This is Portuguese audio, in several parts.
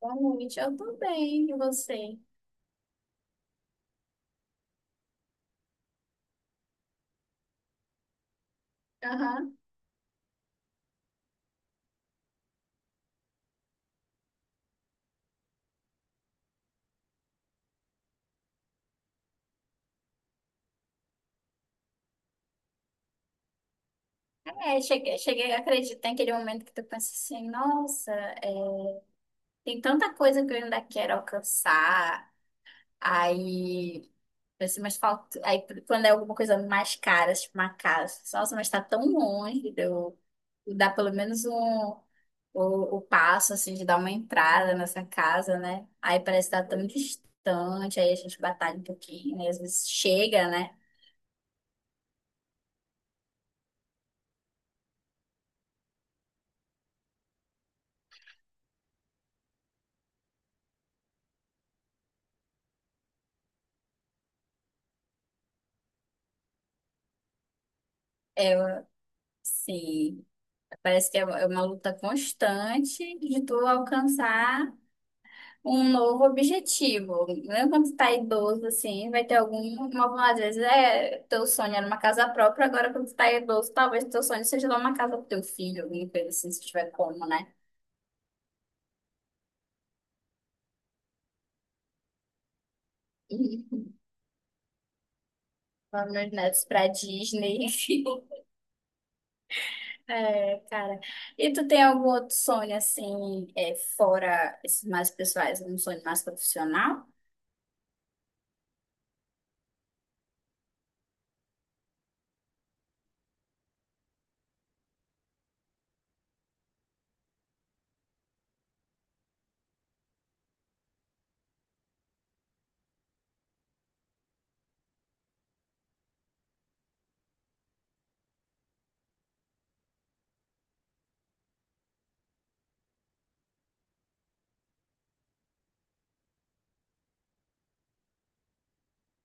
Boa noite, eu tô bem, e você? Aham. É, cheguei, cheguei, acredito, tem aquele momento que tu pensa assim, nossa, é, tem tanta coisa que eu ainda quero alcançar, aí, pensa, mas falta, aí quando é alguma coisa mais cara, tipo uma casa, nossa, mas tá tão longe, de eu dar pelo menos o passo, assim, de dar uma entrada nessa casa, né? Aí parece que tá tão distante, aí a gente batalha um pouquinho, né? Às vezes chega, né? É, sim. Parece que é uma luta constante de tu alcançar um novo objetivo. Mesmo quando tu tá idoso, assim, vai ter algumas às vezes é, teu sonho era uma casa própria, agora quando tu tá idoso, talvez teu sonho seja dar uma casa pro teu filho, alguma coisa assim, se tiver como, né? E levar meus netos pra Disney. É, cara. E tu tem algum outro sonho, assim, é, fora esses mais pessoais, um sonho mais profissional?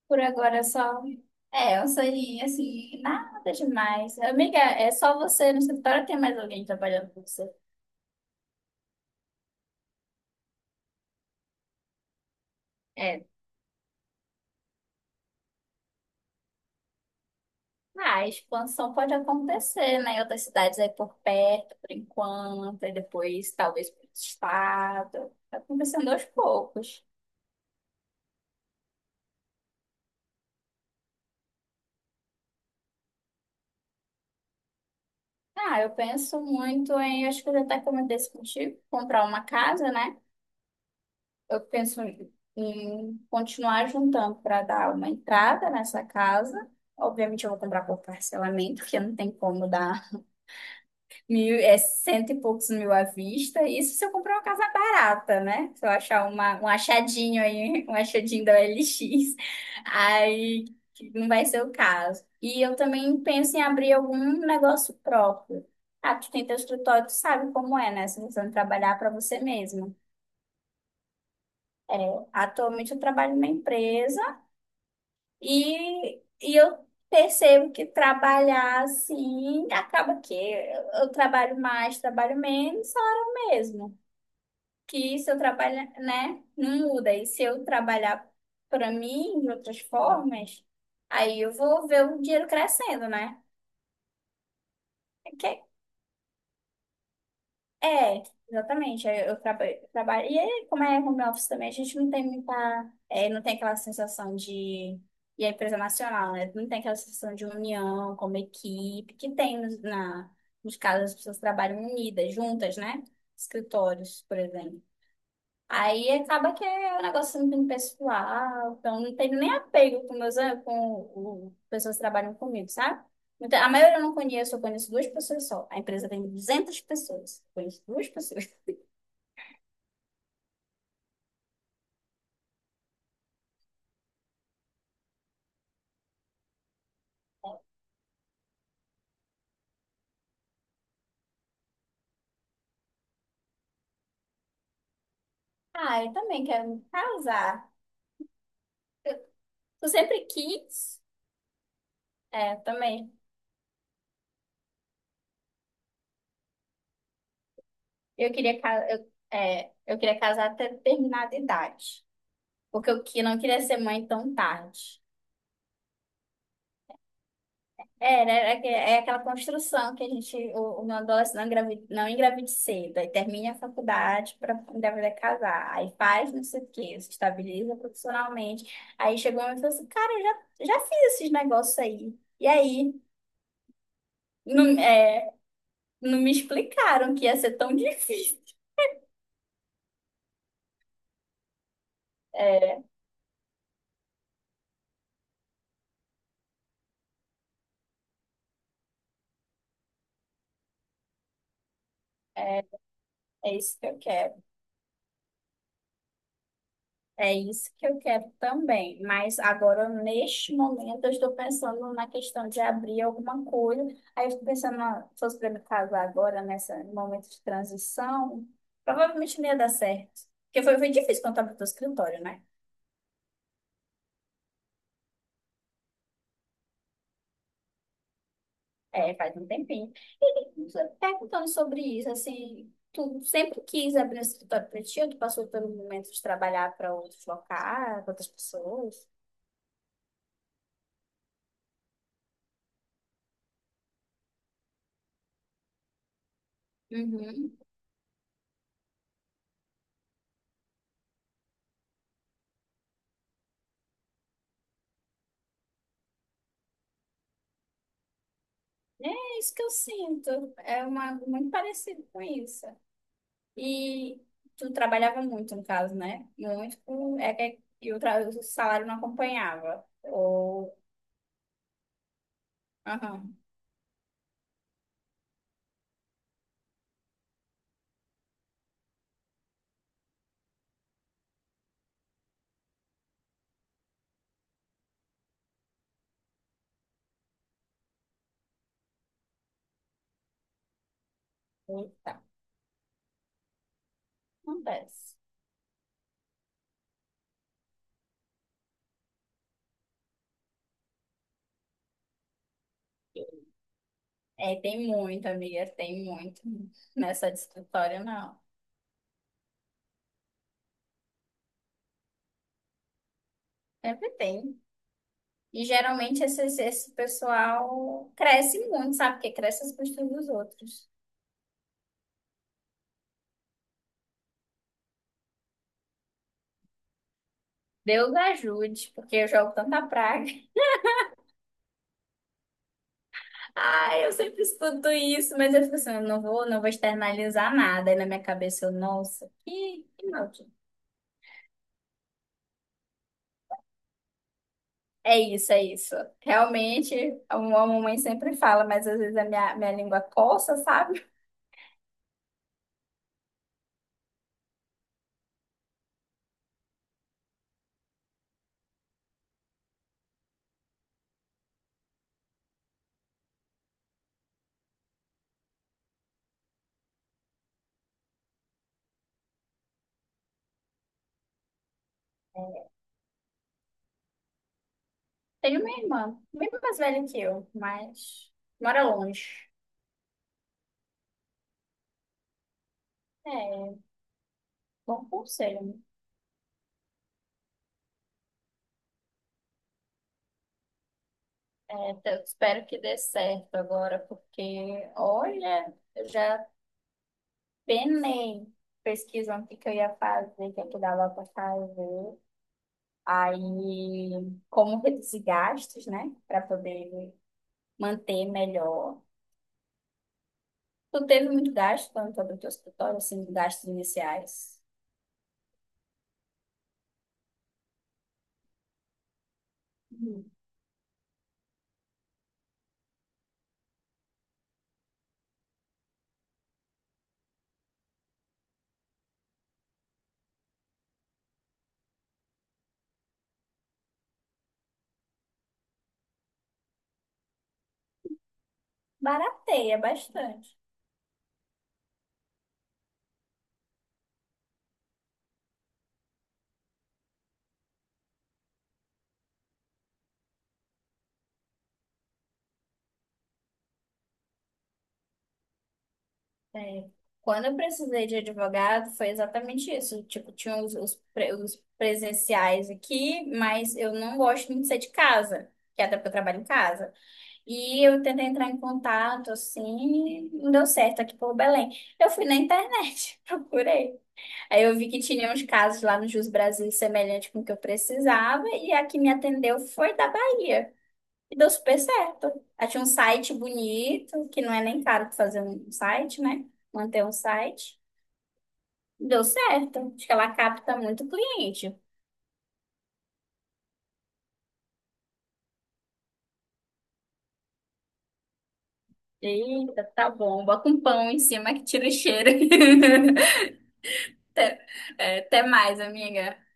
Por agora só. É, um sonhinho assim, nada demais. Amiga, é só você no escritório ou tem mais alguém trabalhando com você? É. Ah, a expansão pode acontecer, né? Em outras cidades aí por perto, por enquanto, e depois talvez para outro estado. Tá acontecendo aos poucos. Ah, eu penso muito em, acho que eu já até comentei isso contigo, comprar uma casa, né? Eu penso em continuar juntando para dar uma entrada nessa casa. Obviamente, eu vou comprar por parcelamento, porque não tem como dar mil, é cento e poucos mil à vista. Isso se eu comprar uma casa barata, né? Se eu achar um achadinho aí, um achadinho da OLX, aí que não vai ser o caso. E eu também penso em abrir algum negócio próprio. Ah, tu tem teu escritório, tu sabe como é, né? Você precisa trabalhar para você mesmo. É, atualmente eu trabalho numa empresa. E eu percebo que trabalhar assim acaba que eu trabalho mais, trabalho menos, é hora mesmo. Que se eu trabalhar, né, não muda. E se eu trabalhar para mim de outras formas, aí eu vou ver o dinheiro crescendo, né? Que, é É, exatamente. Trabalho. E aí, como é home office também, a gente não tem muita. É, não tem aquela sensação de. E a empresa nacional, né? Não tem aquela sensação de união como equipe, que tem nos casos as pessoas trabalham unidas, juntas, né? Escritórios, por exemplo. Aí acaba que é um negócio assim, muito pessoal, então não tenho nem apego com meus am- com o- pessoas que trabalham comigo, sabe? Então, a maioria eu não conheço, eu conheço duas pessoas só. A empresa tem 200 pessoas, eu conheço duas pessoas. Ah, eu também quero me casar. Eu, eu sempre quis, é, também. Eu queria, ca- eu, é, eu queria casar até determinada idade, porque não queria ser mãe tão tarde. É, né? É aquela construção que a gente, o meu adolescente não engravida, não engravide cedo, aí termina a faculdade para engravidar e casar, aí faz não sei o quê, se estabiliza profissionalmente, aí chegou uma e falou assim, cara, eu já fiz esses negócios aí, e aí? Não, não me explicaram que ia ser tão difícil. É, é, é isso que eu quero. É isso que eu quero também, mas agora neste momento eu estou pensando na questão de abrir alguma coisa. Aí eu estou pensando, ah, se fosse para me casar agora, nesse momento de transição, provavelmente não ia dar certo. Porque foi difícil quando eu abri o escritório, né? É, faz um tempinho. E você perguntando sobre isso, assim, tu sempre quis abrir um escritório para ti ou tu passou pelo momento de trabalhar para outros locais, para outras pessoas? Uhum. É isso que eu sinto. É muito parecido com isso. E tu trabalhava muito, no caso, né? Muito. É que o salário não acompanhava. Ou. Aham. Eita, acontece. É, tem muito, amiga, tem muito. Nessa de escritório, não. Sempre tem. E geralmente esse pessoal cresce muito, sabe? Porque cresce as custas dos outros. Deus ajude, porque eu jogo tanta praga. Ai, eu sempre escuto isso, mas eu fico assim, eu não vou externalizar nada. Aí na minha cabeça eu, nossa, que maldito. É isso, é isso. Realmente, a mamãe sempre fala, mas às vezes a minha língua coça, sabe? Tenho uma irmã, bem mais velha que eu, mas mora longe. É, bom conselho, né? É, então, eu espero que dê certo agora, porque, olha, eu já penei pesquisando o que que eu ia fazer, o que é que dava para fazer. Aí, como reduzir gastos, né? Para poder manter melhor. Tu teve muito gasto quando tu abriu teu escritório, assim, de gastos iniciais? Uhum. Barateia bastante. É. Quando eu precisei de advogado, foi exatamente isso. Tipo, tinha os presenciais aqui, mas eu não gosto muito de ser de casa, que é até porque eu trabalho em casa. E eu tentei entrar em contato, assim, e não deu certo aqui por Belém. Eu fui na internet, procurei. Aí eu vi que tinha uns casos lá no Jus Brasil semelhante com o que eu precisava, e a que me atendeu foi da Bahia. E deu super certo. Ela tinha um site bonito, que não é nem caro pra fazer um site, né? Manter um site. Deu certo. Acho que ela capta muito cliente. Eita, tá bom. Bota um pão em cima que tira o cheiro. É, até mais, amiga.